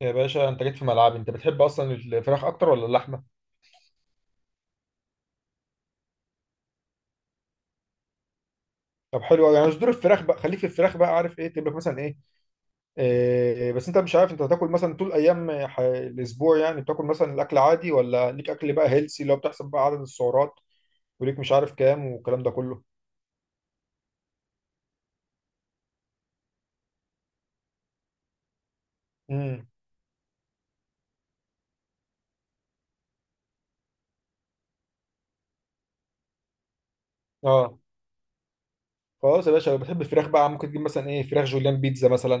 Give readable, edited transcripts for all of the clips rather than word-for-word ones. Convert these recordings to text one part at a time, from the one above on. يا باشا انت جيت في ملعبي. انت بتحب اصلا الفراخ اكتر ولا اللحمه؟ طب حلو قوي. يعني صدور الفراخ بقى، خليك في الفراخ بقى، عارف ايه تبقى مثلا ايه. بس انت مش عارف انت هتاكل مثلا طول ايام الاسبوع. يعني بتاكل مثلا الاكل عادي ولا ليك اكل بقى هيلسي اللي هو بتحسب بقى عدد السعرات وليك مش عارف كام والكلام ده كله. امم اه خلاص يا باشا، لو بتحب الفراخ بقى ممكن تجيب مثلا ايه فراخ جوليان بيتزا مثلا.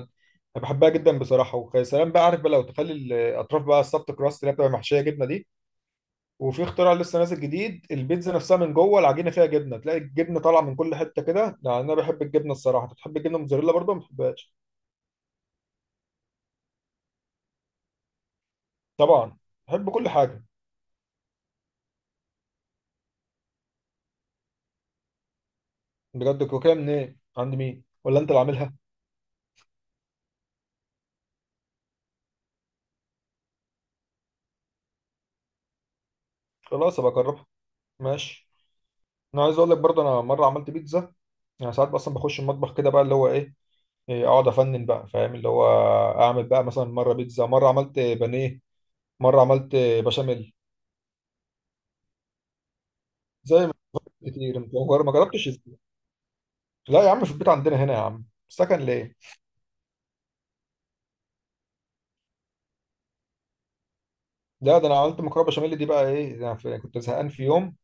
انا بحبها جدا بصراحه، ويا سلام بقى عارف بقى لو تخلي الاطراف بقى السبت كراست اللي هي بتبقى محشيه جبنه دي. وفي اختراع لسه نازل جديد، البيتزا نفسها من جوه العجينه فيها جبنه، تلاقي الجبنه طالعه من كل حته كده، لان انا بحب الجبنه الصراحه. انت بتحب الجبنه الموتزاريلا برضه ولا ما بتحبهاش؟ طبعا بحب كل حاجه. بجد كوكيه منين؟ عند مين ولا انت اللي عاملها؟ خلاص ابقى اجربها، ماشي. انا عايز اقول لك برضه، انا مره عملت بيتزا. يعني ساعات اصلا بخش المطبخ كده بقى اللي هو ايه، اقعد افنن بقى، فاهم اللي هو، اعمل بقى مثلا مره بيتزا، مره عملت بانيه، مره عملت بشاميل. زي ما كتير، انت ما جربتش ازاي؟ لا يا عم، في البيت عندنا هنا يا عم، سكن ليه. ده انا عملت مكرونه بشاميل دي بقى، ايه ده، أنا كنت زهقان في يوم،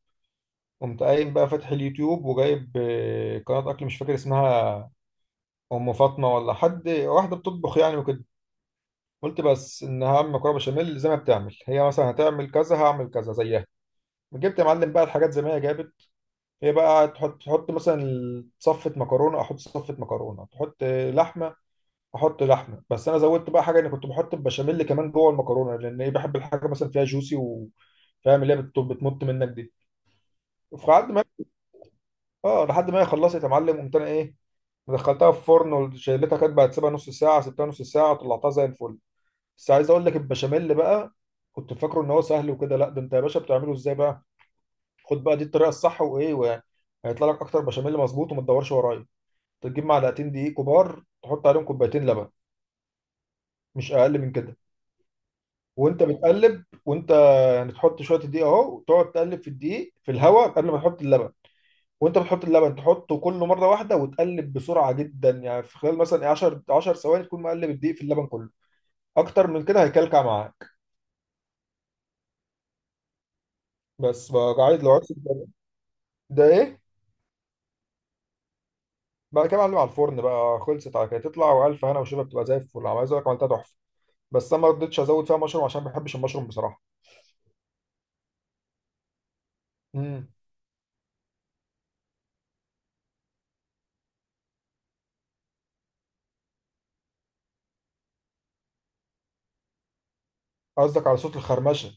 قمت قايم بقى فاتح اليوتيوب وجايب قناه اكل مش فاكر اسمها، ام فاطمه ولا حد، واحده بتطبخ يعني وكده. قلت بس ان هعمل مكرونه بشاميل زي ما بتعمل هي، مثلا هتعمل كذا هعمل كذا زيها. جبت يا معلم بقى الحاجات زي ما هي جابت. هي بقى تحط مثلا صفه مكرونه، احط صفه مكرونه، تحط لحمه، احط لحمه. بس انا زودت بقى حاجه اني كنت بحط البشاميل كمان جوه المكرونه، لان ايه بحب الحاجه مثلا فيها جوسي، و فاهم اللي هي بتمط منك دي. وفي عد ما، اه لحد ما هي خلصت يا معلم، قمت انا ايه دخلتها في الفرن وشيلتها، كانت بقى تسيبها نص ساعه، سبتها نص ساعه، طلعتها زي الفل. بس عايز اقول لك البشاميل بقى، كنت فاكره ان هو سهل وكده، لا ده انت يا باشا بتعمله ازاي بقى. خد بقى دي الطريقه الصح، وايه هيطلع لك اكتر بشاميل مظبوط وما تدورش ورايا. تجيب معلقتين دقيق كبار، تحط عليهم كوبايتين لبن، مش اقل من كده. وانت بتقلب، وانت يعني تحط شويه الدقيق اهو وتقعد تقلب في الدقيق في الهواء قبل ما تحط اللبن. وانت بتحط اللبن، تحطه كله مره واحده وتقلب بسرعه جدا، يعني في خلال مثلا 10 10 ثواني تكون مقلب الدقيق في اللبن كله. اكتر من كده هيكلكع معاك. بس بقى عايز، لو عايز، ده ايه، بعد كده معلم على الفرن بقى، خلصت على كده تطلع، والف هنا وشفا بتبقى زي الفل. عايز اقول لك عملتها تحفه، بس انا ما رضيتش ازود فيها مشروم عشان ما بحبش المشروم بصراحه. امم، قصدك على صوت الخرمشه؟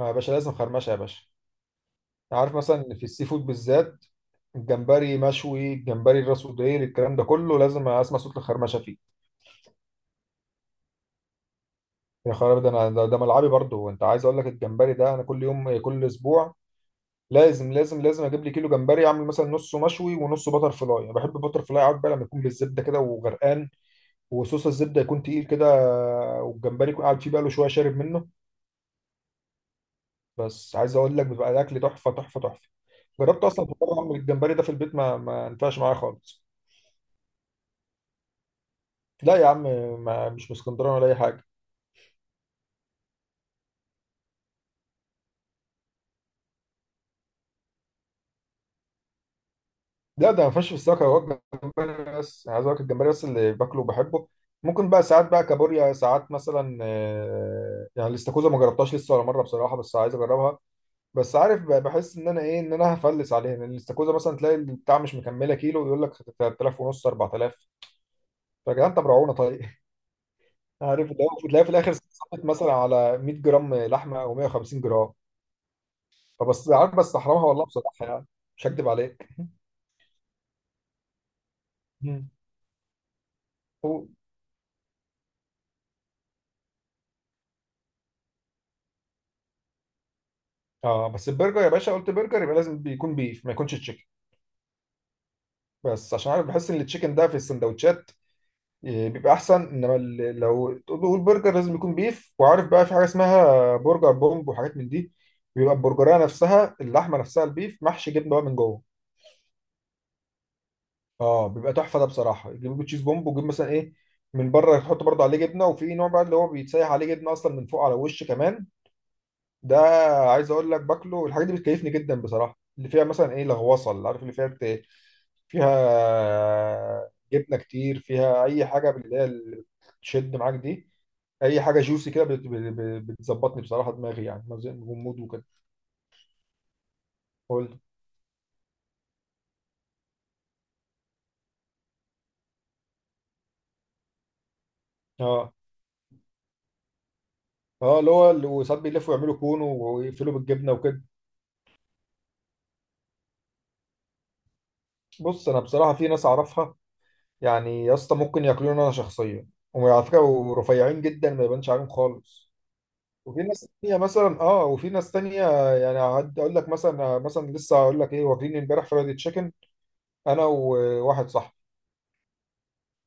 آه يا باشا، لازم خرمشه يا باشا. عارف مثلا في السي فود بالذات، الجمبري مشوي، الجمبري الراس وديل، الكلام ده كله لازم اسمع صوت الخرمشه فيه. يا خرابي، ده انا ده ملعبي برضه. وانت عايز اقول لك، الجمبري ده انا كل يوم، كل اسبوع لازم لازم لازم اجيب لي كيلو جمبري، اعمل مثلا نصه مشوي ونصه بتر فلاي. انا بحب بتر فلاي قوي بقى لما يكون بالزبده كده وغرقان، وصوص الزبده يكون تقيل كده، والجمبري يكون قاعد فيه بقى له شويه، شارب منه. بس عايز اقول لك، بيبقى الاكل تحفه تحفه تحفه. جربت اصلا في مره اعمل الجمبري ده في البيت، ما ينفعش معايا خالص. لا يا عم، ما مش من اسكندريه ولا اي حاجه. لا ده ما فيهاش فساخ هو. الجمبري بس عايز اقول لك، الجمبري بس اللي باكله وبحبه. ممكن بقى ساعات بقى كابوريا، ساعات مثلا يعني الاستاكوزا ما جربتهاش لسه ولا مره بصراحه، بس عايز اجربها. بس عارف بقى بحس ان انا ايه، ان انا هفلس عليها، لان الاستاكوزا مثلا تلاقي البتاع مش مكمله كيلو يقول لك 3000 ونص، 4000. فيا جدعان طب روعونا طيب. عارف اللي هو تلاقي في الاخر صفت مثلا على 100 جرام لحمه او 150 جرام. فبس عارف، بس احرمها والله بصراحه يعني، مش هكدب عليك. مم. اه بس البرجر يا باشا، قلت برجر يبقى لازم بيكون بيف، ما يكونش تشيكن. بس عشان عارف بحس ان التشيكن ده في السندوتشات بيبقى احسن، انما لو تقول برجر لازم يكون بيف. وعارف بقى في حاجه اسمها برجر بومب وحاجات من دي، بيبقى البرجريه نفسها، اللحمه نفسها البيف محشي جبنه بقى من جوه. اه بيبقى تحفه ده بصراحه، يجيب تشيز بومب ويجيب مثلا ايه من بره يحط برضه عليه جبنه، وفي نوع بقى اللي هو بيتسيح عليه جبنه اصلا من فوق على الوش كمان ده. عايز اقول لك باكله، الحاجات دي بتكيفني جدا بصراحه، اللي فيها مثلا ايه لغوصه، اللي عارف اللي فيها، فيها جبنه كتير، فيها اي حاجه من اللي هي اللي بتشد معاك دي. اي حاجه جوسي كده بتظبطني بصراحه، دماغي يعني غموض وكده. قول. اه، اه اللي هو وساعات بيلفوا يعملوا كون ويقفلوا بالجبنه وكده. بص انا بصراحه في ناس اعرفها، يعني يا اسطى ممكن ياكلوني انا شخصيا، وعلى فكره ورفيعين جدا ما يبانش عليهم خالص. وفي ناس تانية مثلا، اه وفي ناس تانية يعني هقعد اقول لك مثلا مثلا لسه هقول لك ايه، واكلين امبارح فرايد تشيكن انا وواحد صاحبي.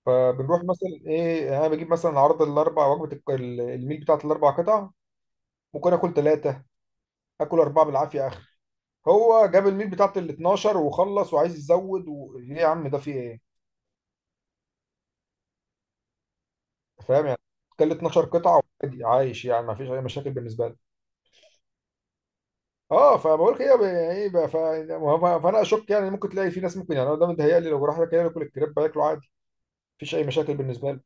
فبنروح مثلا ايه، انا بجيب مثلا عرض الاربع وجبه الميل بتاعت الاربع قطع. ممكن اكل ثلاثه، اكل اربعه بالعافيه اخر. هو جاب الميل بتاعت ال 12 وخلص وعايز يزود ايه يا عم ده في ايه. فاهم يعني، كل 12 قطعه وعادي عايش يعني، ما فيش اي مشاكل بالنسبه لي. اه، فبقول كده ايه بقى ف... ما- هو- فانا اشك يعني، ممكن تلاقي في ناس، ممكن يعني انا ده متهيألي لو راح كده ياكل الكريب هياكله عادي، مفيش اي مشاكل بالنسبه لي.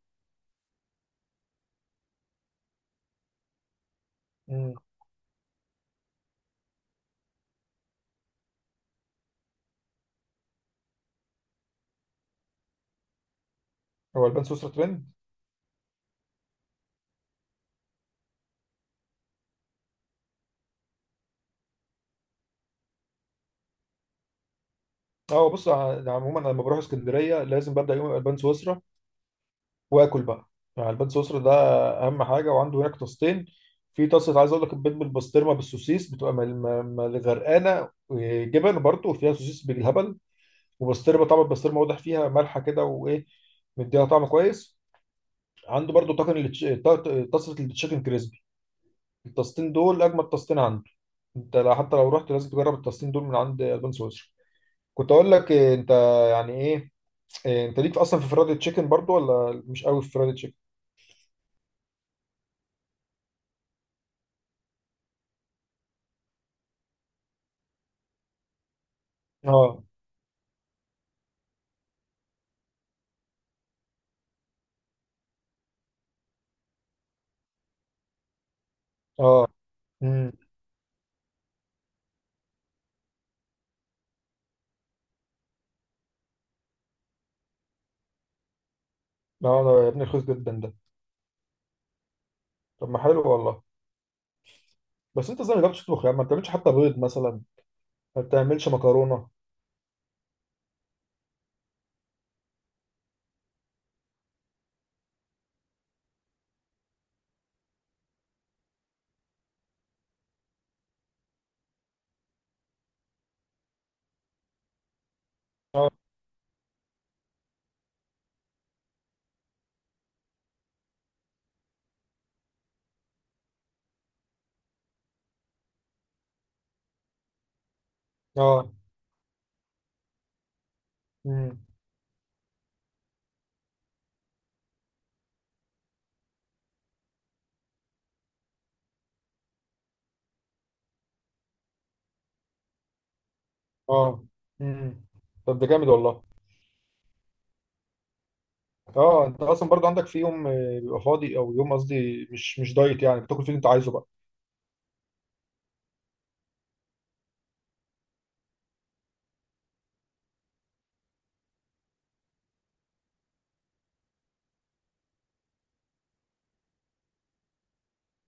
مم. هو البان سويسرا ترند؟ اه بص عموما انا لما بروح اسكندريه لازم ببدا يوم البان سويسرا، واكل بقى. يعني البيض سويسرا ده اهم حاجه، وعنده هناك طاستين. في طاسه عايز اقول لك البيض بالبسطرمه بالسوسيس، بتبقى مل غرقانه جبن برضه، وفيها سوسيس بالهبل، وبسطرمه. طبعا البسطرمه واضح فيها مالحه كده وايه، مديها طعم كويس. عنده برضه طاجن طاسه التشيكن كريسبي. الطاستين دول اجمد طاستين عنده. حتى لو رحت لازم تجرب الطاستين دول من عند البان سويسرا. كنت اقول لك انت يعني ايه، انت ليك اصلا في فرايد تشيكن برضه ولا مش قوي في فرايد تشيكن؟ اه، اه. لا انا يا ابني رخيص جدا ده. طب ما حلو والله. بس انت ازاي ما جربتش تطبخ يا عم؟ ما بتعملش حتى بيض مثلا، ما بتعملش مكرونه. اه، امم، اه، امم. طب ده جامد والله. اه انت اصلا برضو عندك في يوم بيبقى فاضي، او يوم قصدي مش مش دايت يعني، بتاكل فيه اللي انت عايزه بقى؟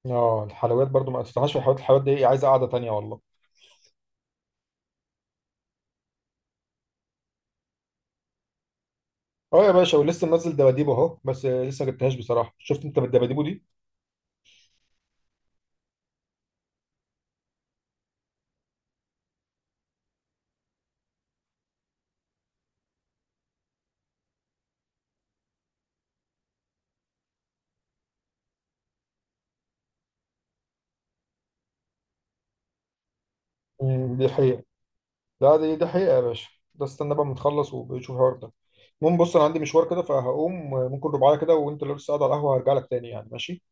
اه الحلويات برضو، ما استناش في الحلويات، الحلويات دي عايزه قعده تانيه والله. اه يا باشا، ولسه منزل دباديبو اهو، بس لسه ما جبتهاش بصراحه. شفت انت بالدباديبو دي؟ دي حقيقه، لا دي ده حقيقة يا باشا. ده استنى بقى ما نخلص وبنشوف الحوار ده. المهم بص انا عندي مشوار كده فهقوم، ممكن ربع ساعة كده، وانت لو لسه قاعد على القهوة هرجع لك تاني يعني، ماشي.